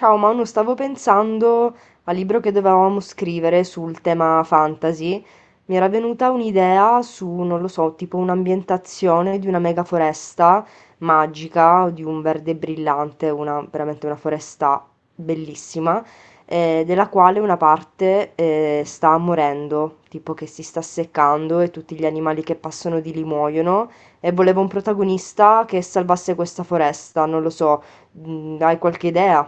Ciao Manu, stavo pensando al libro che dovevamo scrivere sul tema fantasy. Mi era venuta un'idea su, non lo so, tipo un'ambientazione di una mega foresta magica, o di un verde brillante, veramente una foresta bellissima, della quale una parte sta morendo, tipo che si sta seccando e tutti gli animali che passano di lì muoiono. E volevo un protagonista che salvasse questa foresta, non lo so, hai qualche idea?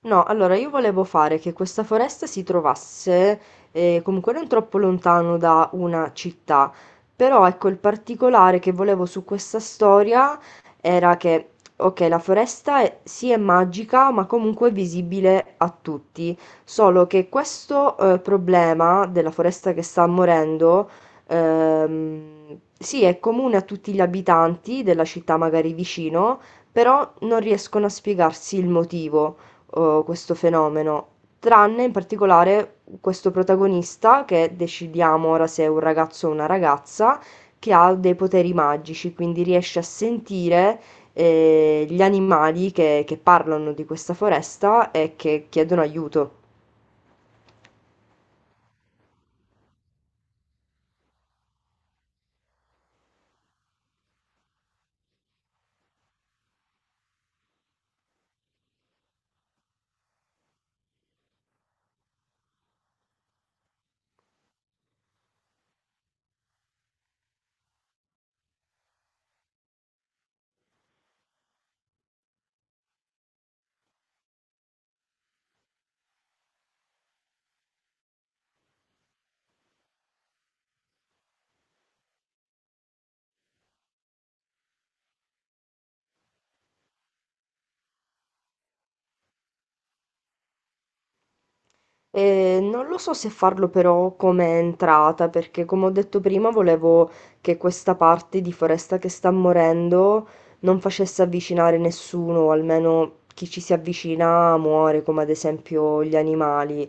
No, allora io volevo fare che questa foresta si trovasse comunque non troppo lontano da una città, però ecco il particolare che volevo su questa storia era che, ok, la foresta è, sì è magica, ma comunque è visibile a tutti, solo che questo problema della foresta che sta morendo, sì è comune a tutti gli abitanti della città magari vicino, però non riescono a spiegarsi il motivo, questo fenomeno, tranne in particolare questo protagonista che decidiamo ora se è un ragazzo o una ragazza, che ha dei poteri magici, quindi riesce a sentire gli animali che parlano di questa foresta e che chiedono aiuto. Non lo so se farlo però come entrata, perché come ho detto prima volevo che questa parte di foresta che sta morendo non facesse avvicinare nessuno, o almeno chi ci si avvicina muore, come ad esempio gli animali.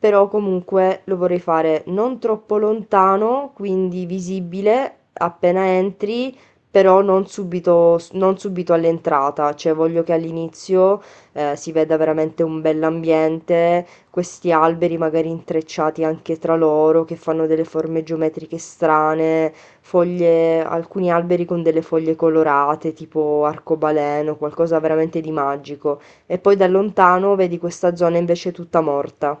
Però comunque lo vorrei fare non troppo lontano, quindi visibile appena entri, però non subito, non subito all'entrata, cioè voglio che all'inizio si veda veramente un bell'ambiente, questi alberi magari intrecciati anche tra loro che fanno delle forme geometriche strane, foglie, alcuni alberi con delle foglie colorate, tipo arcobaleno, qualcosa veramente di magico. E poi da lontano vedi questa zona invece tutta morta.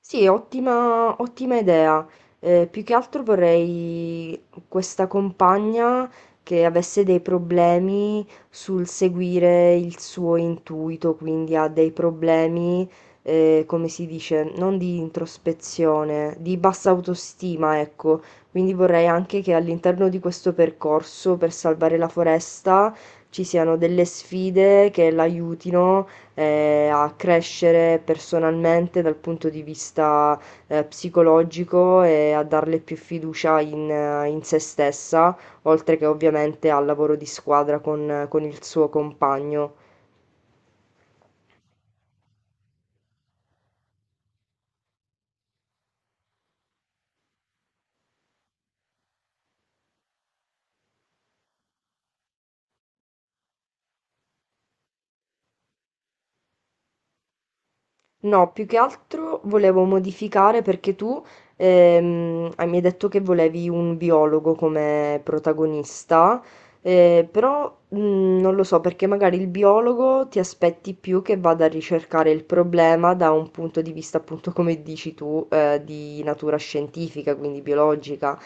Sì, ottima ottima idea. Più che altro vorrei questa compagna che avesse dei problemi sul seguire il suo intuito, quindi ha dei problemi, come si dice, non di introspezione, di bassa autostima, ecco. Quindi vorrei anche che all'interno di questo percorso per salvare la foresta ci siano delle sfide che l'aiutino a crescere personalmente dal punto di vista psicologico, e a darle più fiducia in se stessa, oltre che ovviamente al lavoro di squadra con il suo compagno. No, più che altro volevo modificare perché tu mi hai detto che volevi un biologo come protagonista, però non lo so, perché magari il biologo ti aspetti più che vada a ricercare il problema da un punto di vista appunto come dici tu, di natura scientifica, quindi biologica.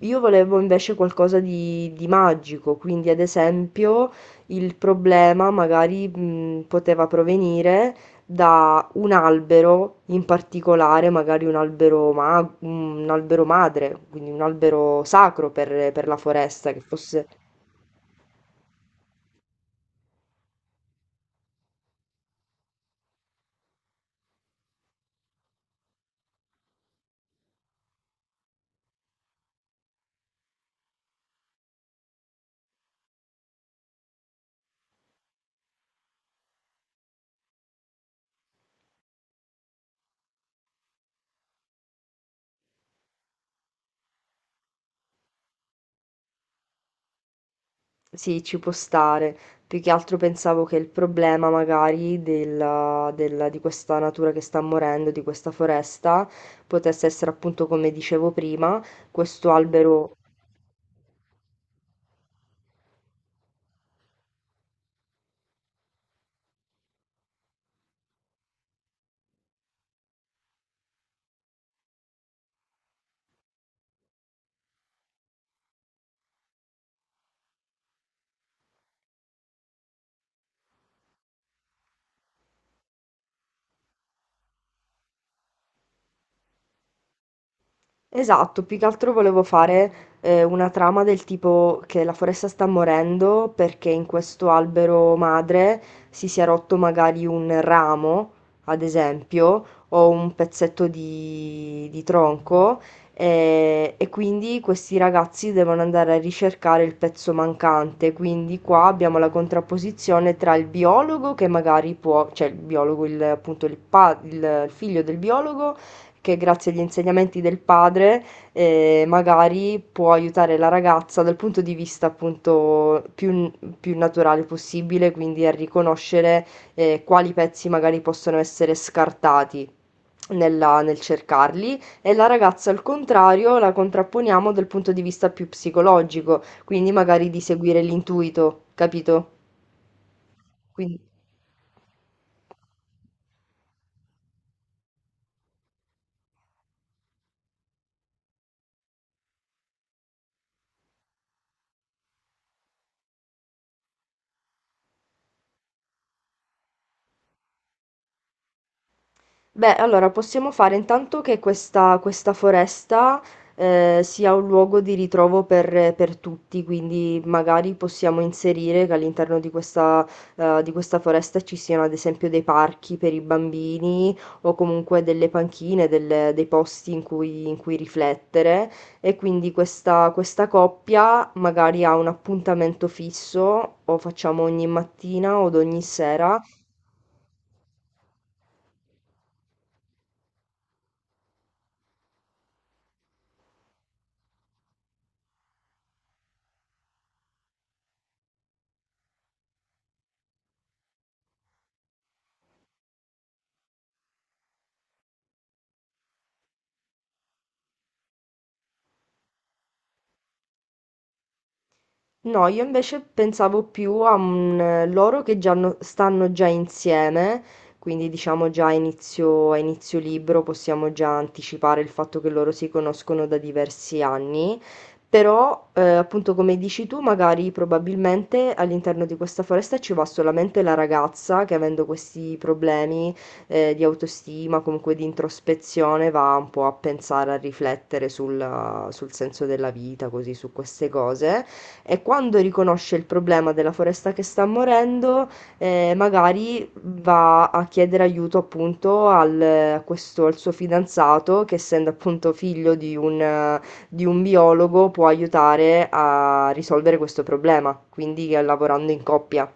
Io volevo invece qualcosa di magico, quindi ad esempio il problema magari, poteva provenire da un albero in particolare, magari un albero, un albero madre, quindi un albero sacro per la foresta, che fosse... Sì, ci può stare. Più che altro pensavo che il problema magari di questa natura che sta morendo, di questa foresta, potesse essere appunto, come dicevo prima, questo albero. Esatto, più che altro volevo fare una trama del tipo che la foresta sta morendo perché in questo albero madre si sia rotto magari un ramo, ad esempio, o un pezzetto di tronco, e quindi questi ragazzi devono andare a ricercare il pezzo mancante. Quindi qua abbiamo la contrapposizione tra il biologo che magari può, cioè il biologo, appunto il figlio del biologo che, grazie agli insegnamenti del padre, magari può aiutare la ragazza dal punto di vista appunto più naturale possibile, quindi a riconoscere quali pezzi magari possono essere scartati nel cercarli, e la ragazza al contrario la contrapponiamo dal punto di vista più psicologico, quindi magari di seguire l'intuito, capito? Quindi. Beh, allora possiamo fare intanto che questa foresta sia un luogo di ritrovo per tutti, quindi magari possiamo inserire che all'interno di questa foresta ci siano ad esempio dei parchi per i bambini o comunque delle panchine, dei posti in cui riflettere, e quindi questa coppia magari ha un appuntamento fisso, o facciamo ogni mattina o ogni sera. No, io invece pensavo più a un, loro che già stanno già insieme, quindi diciamo già a inizio libro possiamo già anticipare il fatto che loro si conoscono da diversi anni, però appunto come dici tu, magari probabilmente all'interno di questa foresta ci va solamente la ragazza che, avendo questi problemi di autostima, comunque di introspezione, va un po' a pensare, a riflettere sul senso della vita, così su queste cose, e quando riconosce il problema della foresta che sta morendo, magari va a chiedere aiuto appunto al, a questo, al suo fidanzato che, essendo appunto figlio di un biologo, può aiutare a risolvere questo problema, quindi lavorando in coppia.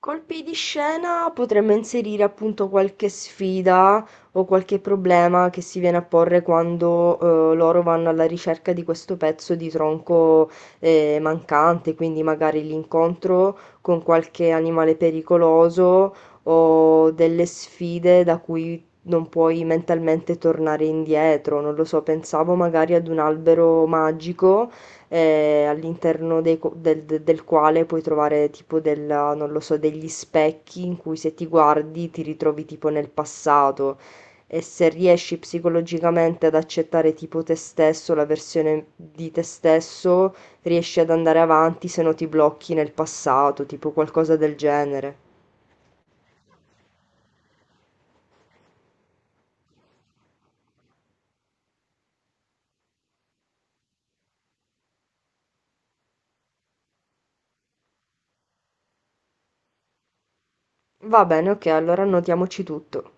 Colpi di scena potremmo inserire appunto qualche sfida o qualche problema che si viene a porre quando loro vanno alla ricerca di questo pezzo di tronco mancante, quindi magari l'incontro con qualche animale pericoloso o delle sfide da cui non puoi mentalmente tornare indietro. Non lo so, pensavo magari ad un albero magico all'interno dei co- del, de- del quale puoi trovare tipo della, non lo so, degli specchi in cui, se ti guardi, ti ritrovi tipo nel passato, e se riesci psicologicamente ad accettare tipo te stesso, la versione di te stesso, riesci ad andare avanti, se no ti blocchi nel passato, tipo qualcosa del genere. Va bene, ok, allora annotiamoci tutto.